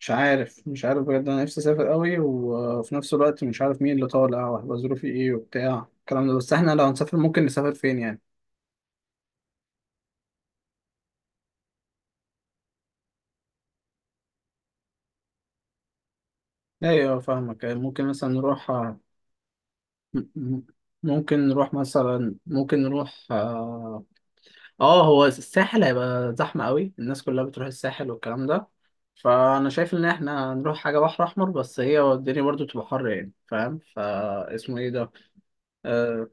مش عارف بجد انا نفسي اسافر قوي، وفي نفس الوقت مش عارف مين اللي طالع وهيبقى ظروفي ايه وبتاع الكلام ده. بس احنا لو هنسافر ممكن نسافر فين يعني؟ ايوه فاهمك، أيوه، ممكن مثلا نروح م- ممكن نروح، اه. آه، هو الساحل هيبقى زحمة قوي، الناس كلها بتروح الساحل والكلام ده. فانا شايف ان احنا نروح حاجة بحر احمر، بس هي الدنيا برضو تبقى حر يعني، فاهم؟ فا اسمه ايه ده، آه،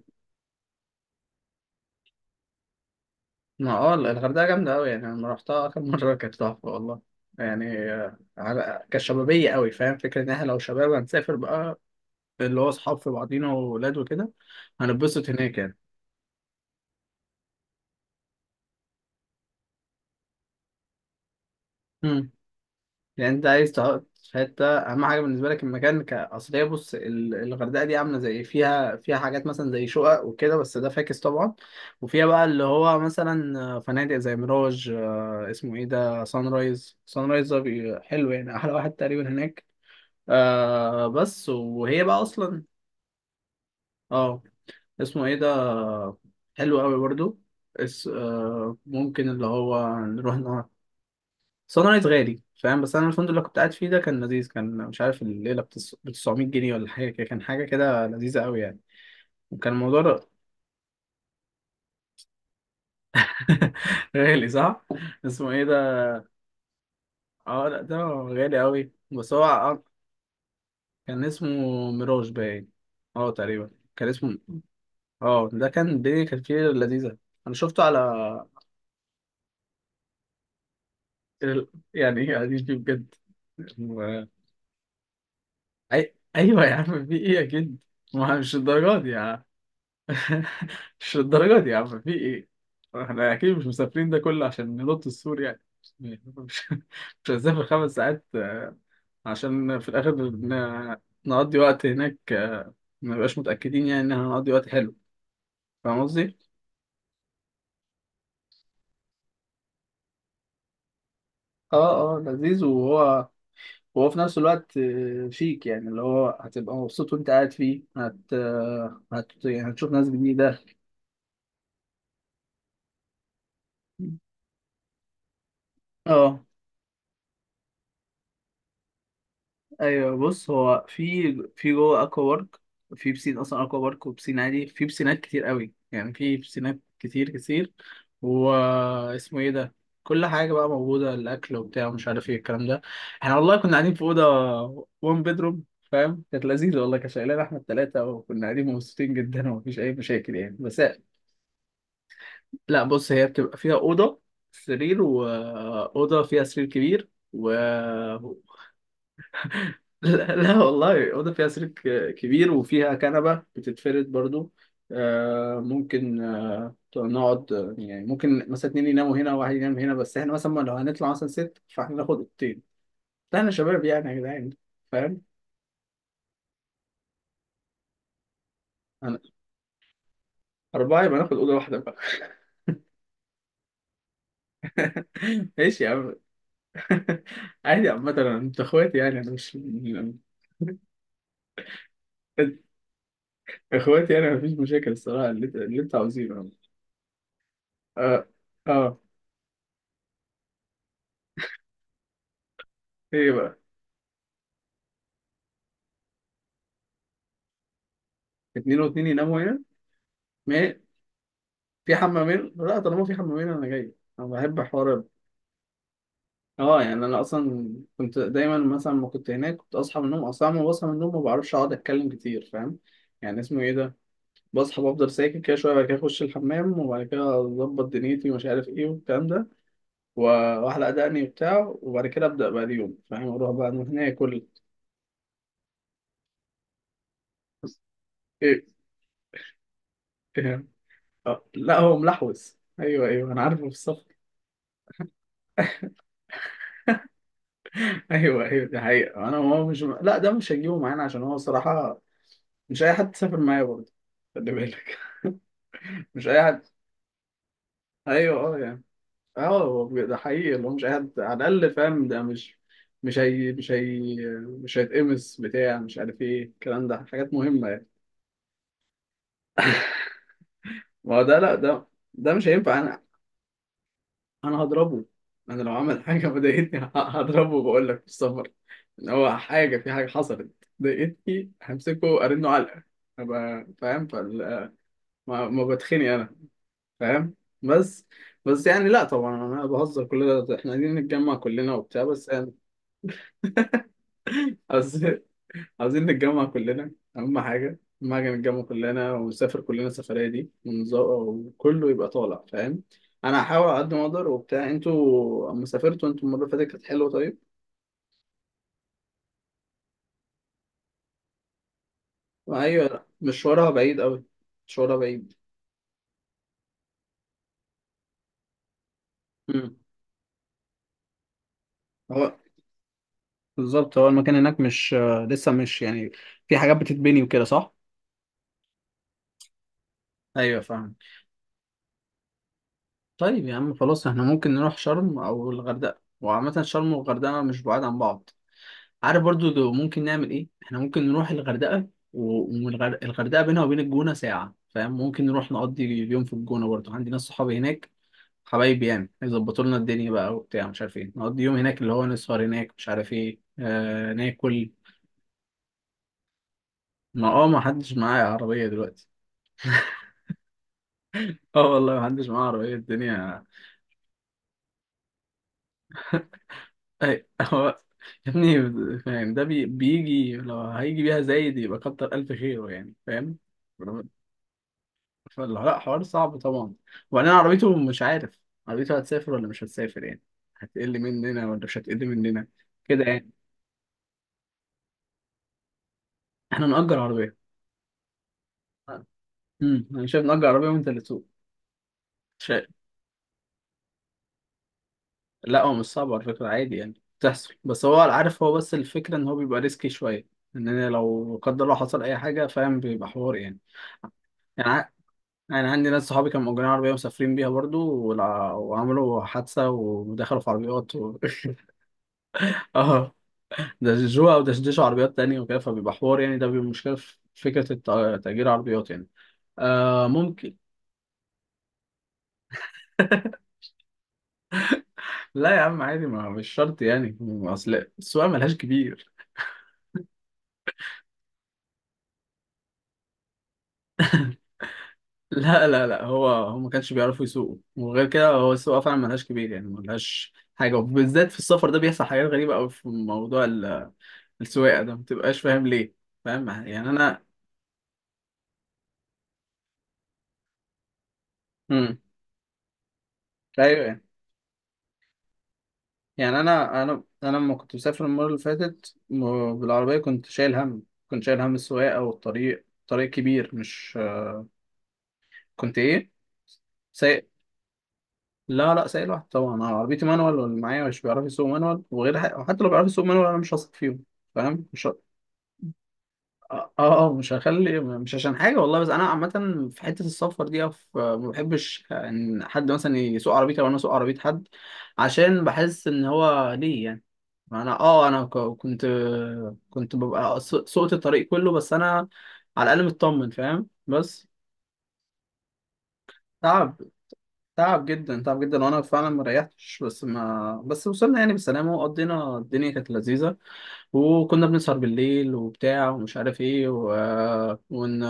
ما اه، الغردقة جامدة أوي يعني. أنا لما رحتها آخر مرة كانت تحفة والله، يعني آه، على كشبابية أوي، فاهم فكرة إن إحنا لو شباب هنسافر بقى، اللي هو أصحاب في بعضينا وولاد وكده، هنتبسط هناك يعني. مم. يعني أنت عايز تقعد في حتة، أهم حاجة بالنسبة لك المكان كأصلية. بص، الغردقة دي عاملة زي فيها حاجات مثلا زي شقق وكده، بس ده فاكس طبعا. وفيها بقى اللي هو مثلا آه، فنادق زي ميراج، آه، اسمه إيه ده، سان رايز. سان رايز ده حلو يعني، أحلى واحد تقريبا هناك. آه، بس وهي بقى اصلا، اه، اسمه ايه ده، حلو قوي برضو. اس، آه، ممكن اللي هو نروح نقعد. صن رايز غالي، فاهم؟ بس انا الفندق اللي كنت قاعد فيه ده كان لذيذ، كان مش عارف الليله ب 900 جنيه ولا حاجه كده، كان حاجه كده لذيذه قوي يعني. وكان الموضوع ده. غالي صح؟ اسمه ايه ده، اه لا، ده غالي قوي، بس هو آه، كان اسمه ميراج باين، اه تقريبا. كان اسمه، اه، ده كان الدنيا كانت فيه لذيذه. انا شفته على ال- يعني ايه قاعدين فيه بجد و... ايوه يا عم في ايه اكيد، ما مش الدرجات دي يا عم. مش الدرجات دي يا عم، في ايه، احنا اكيد مش مسافرين ده كله عشان ننط السور يعني. مش مش هنسافر خمس ساعات آه، عشان في الاخر نقضي وقت هناك، آه، ما نبقاش متأكدين يعني ان احنا هنقضي وقت حلو، فاهم قصدي؟ اه لذيذ، وهو في نفس الوقت آه، شيك، يعني اللي هو هتبقى مبسوط وانت قاعد فيه، آه، يعني هتشوف ناس جديدة. اه ايوه، بص هو في في جوه اكوا بارك، في بسين اصلا اكوا بارك وبسين عادي، في بسينات كتير قوي يعني، في بسينات كتير كتير. واسمه ايه ده، كل حاجه بقى موجوده، الاكل وبتاع ومش عارف ايه الكلام ده. احنا والله كنا قاعدين في اوضه وان بيدروم، فاهم؟ كانت لذيذه والله، كانت شايلانا احنا الثلاثه، وكنا قاعدين مبسوطين جدا ومفيش اي مشاكل يعني، بس. لا بص، هي بتبقى فيها أوضة، سرير وأوضة فيها سرير كبير و لا, لا والله، أوضة فيها سرير كبير وفيها كنبة بتتفرد برضو. آه، ممكن آه، نقعد آه، يعني ممكن مثلا اتنين يناموا هنا وواحد ينام هنا، بس احنا مثلا لو هنطلع مثلا ست، فاحنا ناخد اوضتين. لا احنا شباب يعني يا جدعان، فاهم. أنا أربعة يبقى ناخد أوضة واحدة بقى. ماشي يا عم. عادي عامة، أنت إخواتي يعني، أنا مش اخواتي انا، مفيش مشاكل الصراحه، اللي, انت اللي انت عاوزينه. اه، اه. ايه بقى؟ اتنين واتنين يناموا هنا. ما في حمامين؟ لا طالما في حمامين انا جاي، انا بحب حوار اه. يعني انا اصلا كنت دايما مثلا ما كنت هناك، كنت اصحى من النوم، اصلا ما بصحى من النوم ما بعرفش اقعد اتكلم كتير، فاهم يعني، اسمه ايه ده، بصحى بفضل ساكت كده شويه، بعد كده اخش الحمام، وبعد كده اظبط دنيتي ومش عارف ايه والكلام ده، و- واحلق دقني وبتاع، وبعد كده ابدا بقى اليوم، فاهم، اروح بقى من هنا اكل. ايه؟ آه، لا هو ملحوس، ايوه ايوه انا عارفه في الصف. ايوه ايوه دي حقيقه، انا هو مش، لا ده مش هنجيبه معانا عشان هو صراحه مش اي حد تسافر معايا برضه، خلي بالك. مش اي حد. ايوه اه يعني. اه هو ده حقيقي، اللي هو مش اي حد على الاقل، فاهم، ده مش، مش هي مش هيتقمص بتاع مش عارف ايه الكلام ده، حاجات مهمه يعني. ما هو ده، لا ده، ده مش هينفع. انا انا هضربه، انا لو عمل حاجه مضايقتني هضربه، بقول لك في السفر ان هو حاجه، في حاجه حصلت ضايقتني همسكه ارنه علقه، ابقى فاهم. ما بتخني انا، فاهم، بس. بس يعني لا طبعا، انا بهزر، كل ده احنا عايزين نتجمع كلنا وبتاع، بس يعني. عايزين عايزين نتجمع كلنا، اهم حاجه اهم حاجه نتجمع كلنا ونسافر كلنا السفريه دي، وكله يبقى طالع، فاهم. انا هحاول على قد ما اقدر وبتاع. انتوا اما سافرتوا انتوا المره اللي فاتت كانت حلوه طيب. ايوه مشوارها بعيد قوي، مشوارها بعيد. امم هو بالظبط، هو المكان هناك مش آه، لسه مش يعني، في حاجات بتتبني وكده، صح؟ ايوه فاهم. طيب يا عم خلاص، احنا ممكن نروح شرم او الغردقه، وعامه شرم والغردقه مش بعاد عن بعض، عارف برضو. ممكن نعمل ايه، احنا ممكن نروح الغردقه، والغردقه بينها وبين الجونه ساعه، فاهم، ممكن نروح نقضي اليوم في الجونه برضو، عندي ناس صحابي هناك حبايبي يعني، يظبطوا لنا الدنيا بقى وبتاع مش عارف ايه، نقضي يوم هناك اللي هو نسهر هناك مش عارف ايه، آه ناكل. ما اه، ما حدش معايا عربية دلوقتي. اه والله ما حدش معاه عربية الدنيا. هو يا ابني، فاهم ده بيجي، لو هيجي بيها زايد يبقى كتر ألف خيره يعني، فاهم. فلا لا، حوار صعب طبعا، وبعدين عربيته مش عارف عربيته هتسافر ولا مش هتسافر يعني، هتقل مننا ولا مش هتقل مننا، كده يعني. احنا نأجر عربية. انا شايف نأجر عربية وانت اللي تسوق. شيء، لا هو مش صعب على فكرة عادي يعني، بتحصل، بس هو عارف، هو بس الفكرة ان هو بيبقى ريسكي شوية، ان انا لو لا قدر الله حصل اي حاجة فاهم، بيبقى حوار يعني. يعني ع- يعني عندي ناس صحابي كانوا مأجرين عربية مسافرين بيها برضو وعملوا حادثة ودخلوا في عربيات اه، دشجوها ودشدشوا عربيات تانية وكده، فبيبقى حوار يعني، ده بيبقى مشكلة في فكرة تأجير عربيات يعني. آه ممكن. لا يا عم عادي، ما مش شرط يعني، اصل السواقة ملهاش كبير. لا لا لا، هو هو ما كانش بيعرفوا يسوقوا، وغير كده هو السواقه فعلا ملهاش كبير يعني، ملهاش حاجه، وبالذات في السفر ده بيحصل حاجات غريبه قوي في موضوع السواقه ده، ما بتبقاش فاهم ليه، فاهم يعني انا. امم ايوه يعني. يعني انا انا لما كنت مسافر المره اللي فاتت بالعربيه كنت شايل هم، كنت شايل هم السواقه، والطريق طريق كبير مش، كنت ايه، سايق، لا لا سايق لوحدي طبعا، انا عربيتي مانوال واللي معايا مش بيعرف يسوق مانوال، وغير وحتى لو بيعرف يسوق مانوال انا مش هثق فيهم، فاهم مش، اه اه آه، مش هخلي، مش عشان حاجه والله، بس انا عامه في حته السفر دي ما بحبش ان حد مثلا يسوق عربيتي او انا اسوق عربيه حد، عشان بحس ان هو ليه يعني. ما انا اه، انا كنت ببقى سوقت الطريق كله، بس انا على الاقل مطمن، فاهم، بس تعب، تعب جدا تعب جدا، وانا فعلا ما ريحتش، بس ما بس وصلنا يعني بالسلامه، وقضينا الدنيا كانت لذيذه، وكنا بنسهر بالليل وبتاع ومش عارف ايه ون...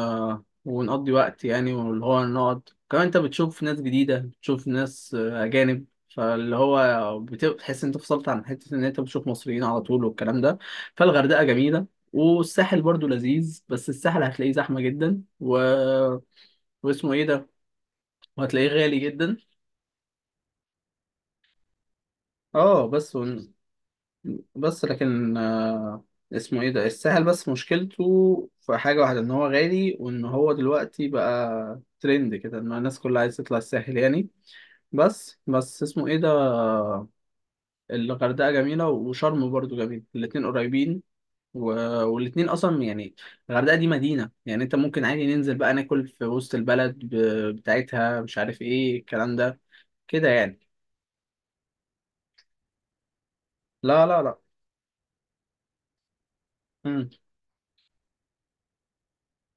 ونقضي وقت يعني، واللي هو نقعد، كمان انت بتشوف ناس جديدة بتشوف ناس أجانب، فاللي هو بتحس انت فصلت عن حتة، ان انت بتشوف مصريين على طول والكلام ده. فالغردقة جميلة، والساحل برضو لذيذ، بس الساحل هتلاقيه زحمة جدا واسمه ايه ده، وهتلاقيه غالي جدا. اه بس، بس لكن آه، اسمه ايه ده، الساحل بس مشكلته في حاجة واحدة ان هو غالي، وان هو دلوقتي بقى ترند كده ان الناس كلها عايزة تطلع الساحل يعني. بس بس اسمه ايه ده، الغردقة جميلة، وشرم برضو جميل، الاتنين قريبين و... والاتنين اصلا يعني، الغردقة دي مدينة يعني، انت ممكن عادي ننزل بقى ناكل في وسط البلد بتاعتها، مش عارف ايه الكلام ده، كده يعني. لا لا لا، امم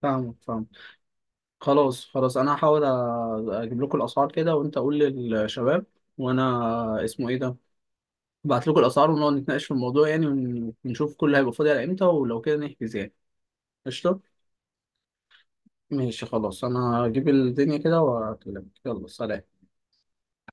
فاهمك فاهمك. خلاص خلاص، انا هحاول اجيب لكم الاسعار كده، وانت قول للشباب، وانا اسمه ايه ده، ابعت لكم الاسعار ونقعد نتناقش في الموضوع يعني، ونشوف كل هيبقى فاضي على امتى ولو كده نحجز يعني. قشطه. ماشي خلاص، انا هجيب الدنيا كده واكلمك، يلا سلام.